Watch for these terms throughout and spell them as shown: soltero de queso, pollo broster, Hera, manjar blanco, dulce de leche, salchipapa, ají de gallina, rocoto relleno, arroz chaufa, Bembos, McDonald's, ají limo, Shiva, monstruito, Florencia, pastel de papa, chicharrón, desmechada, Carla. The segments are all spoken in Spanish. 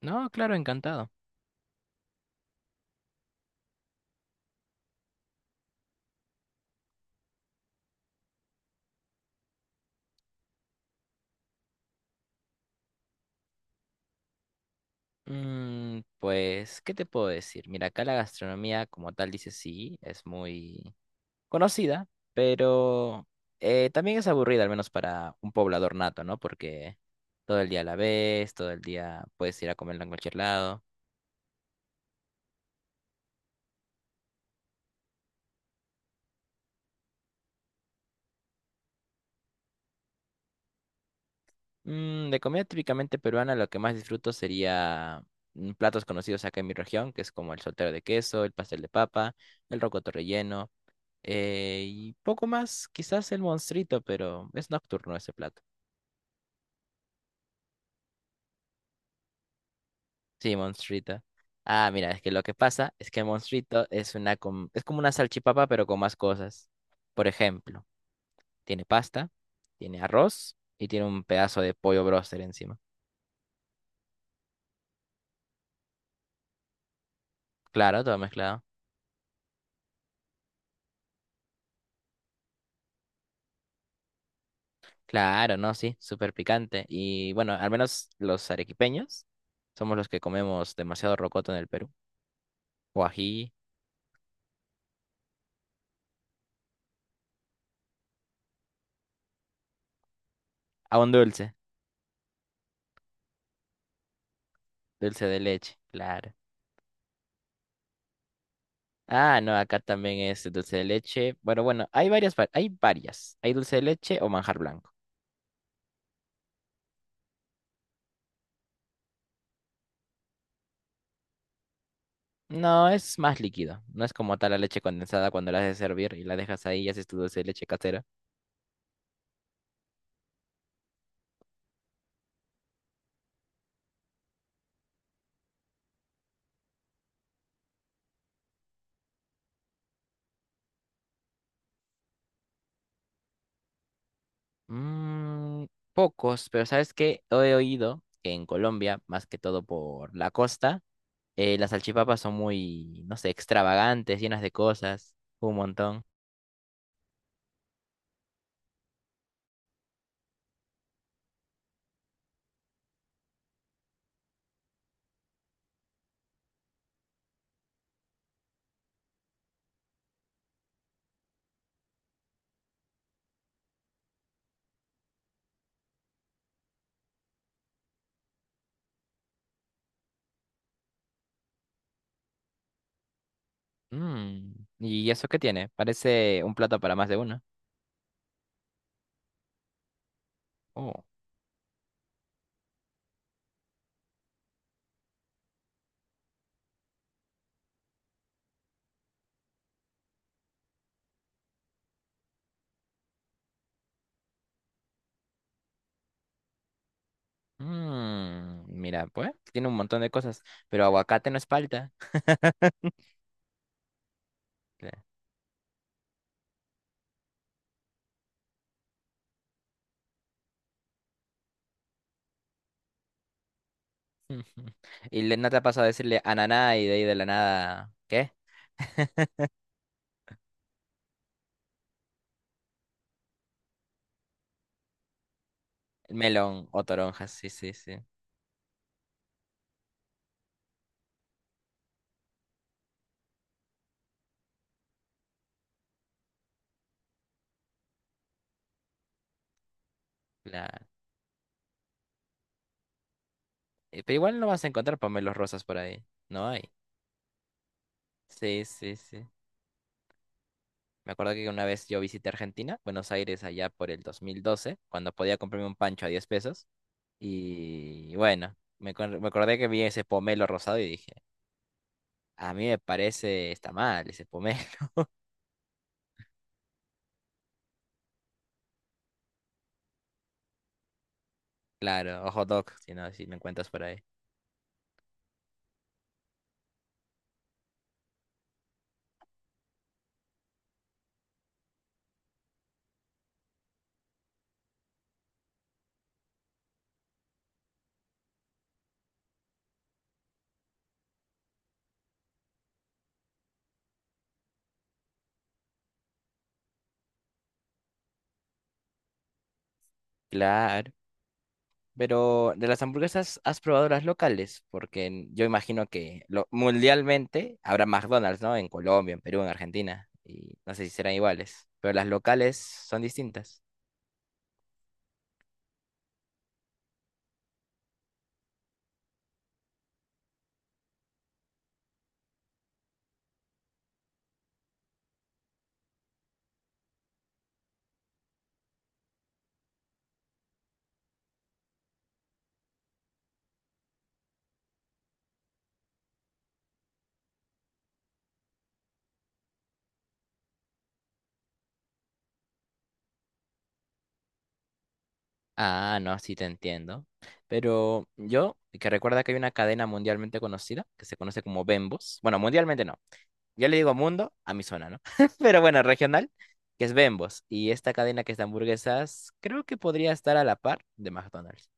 No, claro, encantado. Pues, ¿qué te puedo decir? Mira, acá la gastronomía, como tal, dice sí, es muy conocida, pero también es aburrida, al menos para un poblador nato, ¿no? Porque todo el día la ves, todo el día puedes ir a comerla en cualquier lado. De comida típicamente peruana, lo que más disfruto sería platos conocidos acá en mi región, que es como el soltero de queso, el pastel de papa, el rocoto relleno. Y poco más, quizás el monstruito, pero es nocturno ese plato. Sí, monstruito. Ah, mira, es que lo que pasa es que monstruito es es como una salchipapa, pero con más cosas. Por ejemplo, tiene pasta, tiene arroz y tiene un pedazo de pollo broster encima. Claro, todo mezclado. Claro, no, sí, súper picante. Y bueno, al menos los arequipeños somos los que comemos demasiado rocoto en el Perú. O ají, ah, un dulce, dulce de leche, claro. Ah, no, acá también es dulce de leche. Bueno, bueno, hay varias, hay varias. Hay dulce de leche o manjar blanco. No, es más líquido. No es como tal la leche condensada cuando la haces hervir y la dejas ahí y haces tu dulce de leche casera. Mm, Pocos, pero ¿sabes qué? He oído que en Colombia, más que todo por la costa, las salchipapas son muy, no sé, extravagantes, llenas de cosas, un montón. Mm, ¿y eso qué tiene? Parece un plato para más de uno. Oh. Mm, mira, pues, tiene un montón de cosas, pero aguacate no es palta. Claro. ¿No te ha pasado a decirle ananá y de ahí de la nada, qué? Melón o toronjas, sí, sí, sí. Claro. Pero igual no vas a encontrar pomelos rosas por ahí. No hay. Sí, sí, sí. Me acuerdo que una vez yo visité Argentina, Buenos Aires, allá por el 2012, cuando podía comprarme un pancho a 10 pesos. Y bueno, me acordé que vi ese pomelo rosado y dije, a mí me parece, está mal ese pomelo. Claro, o hot dog, si no, si me encuentras por ahí. Claro. Pero de las hamburguesas, ¿has probado las locales? Porque yo imagino que mundialmente habrá McDonald's, ¿no? En Colombia, en Perú, en Argentina. Y no sé si serán iguales. Pero las locales son distintas. Ah, no, sí te entiendo. Pero yo, que recuerda que hay una cadena mundialmente conocida que se conoce como Bembos. Bueno, mundialmente no. Yo le digo mundo a mi zona, ¿no? Pero bueno, regional, que es Bembos. Y esta cadena que es de hamburguesas, creo que podría estar a la par de McDonald's.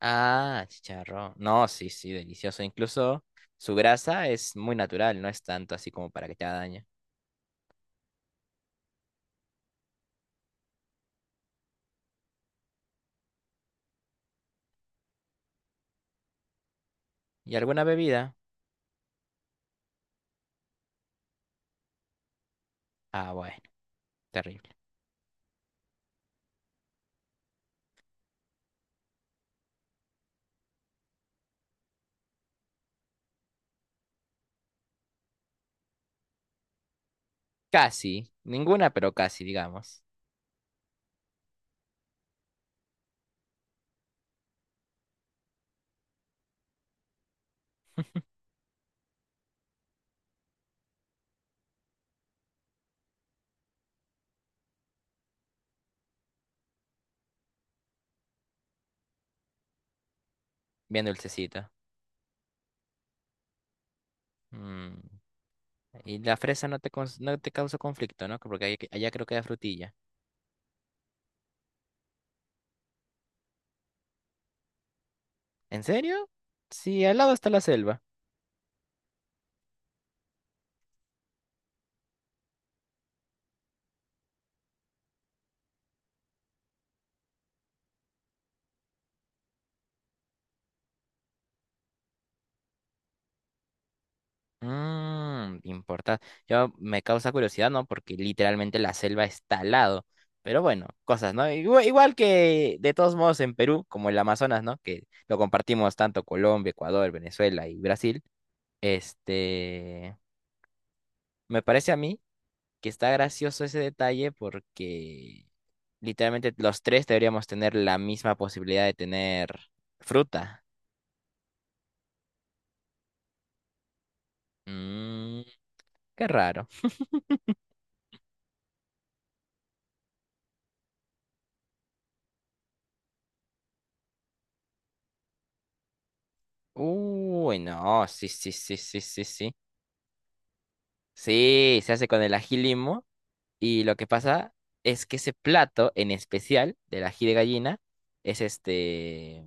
Ah, chicharrón. No, sí, sí, delicioso. Incluso su grasa es muy natural, no es tanto así como para que te haga daño. ¿Y alguna bebida? Ah, bueno, terrible. Casi, ninguna, pero casi, digamos. Bien dulcecito. Mm. Y la fresa no te causa conflicto, ¿no? Porque allá creo que hay frutilla. ¿En serio? Sí, al lado está la selva. Mmm, importa. Yo me causa curiosidad, ¿no? Porque literalmente la selva está al lado. Pero bueno, cosas, ¿no? Igual, que de todos modos en Perú, como el Amazonas, ¿no? Que lo compartimos tanto Colombia, Ecuador, Venezuela y Brasil. Este, me parece a mí que está gracioso ese detalle porque literalmente los tres deberíamos tener la misma posibilidad de tener fruta. Mmm, qué raro. Uy, no, sí, sí, sí, sí, sí, sí. Sí, se hace con el ají limo y lo que pasa es que ese plato en especial del ají de gallina es este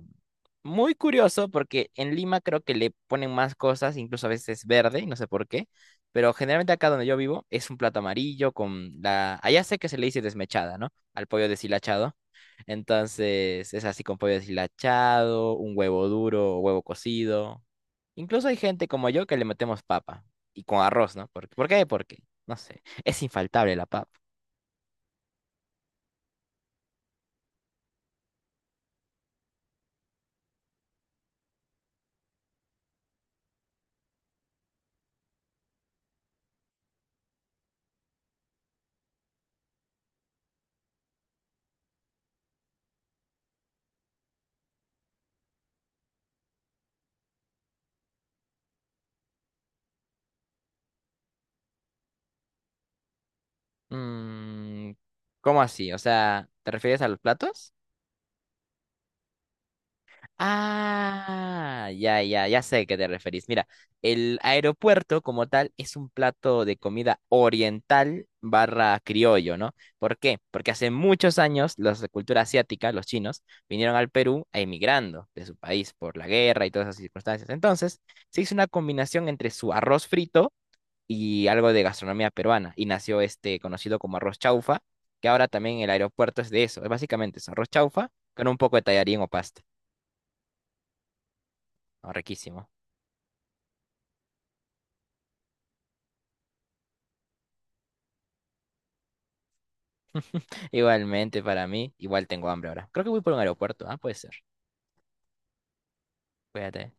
muy curioso porque en Lima creo que le ponen más cosas, incluso a veces verde, y no sé por qué, pero generalmente acá donde yo vivo es un plato amarillo con la... Allá sé que se le dice desmechada, ¿no? Al pollo deshilachado. Entonces es así con pollo deshilachado, un huevo duro, huevo cocido. Incluso hay gente como yo que le metemos papa y con arroz, ¿no? ¿Por qué? Porque, no sé, es infaltable la papa. Mm, ¿cómo así? O sea, ¿te refieres a los platos? Ah, ya, ya, ya sé a qué te referís. Mira, el aeropuerto como tal es un plato de comida oriental barra criollo, ¿no? ¿Por qué? Porque hace muchos años los de cultura asiática, los chinos, vinieron al Perú emigrando de su país por la guerra y todas esas circunstancias. Entonces, se hizo una combinación entre su arroz frito y algo de gastronomía peruana y nació este conocido como arroz chaufa, que ahora también el aeropuerto es de eso. Es básicamente es arroz chaufa con un poco de tallarín o pasta. ¿No? Riquísimo. Igualmente para mí, igual tengo hambre ahora. Creo que voy por un aeropuerto. Ah, puede ser. Cuídate.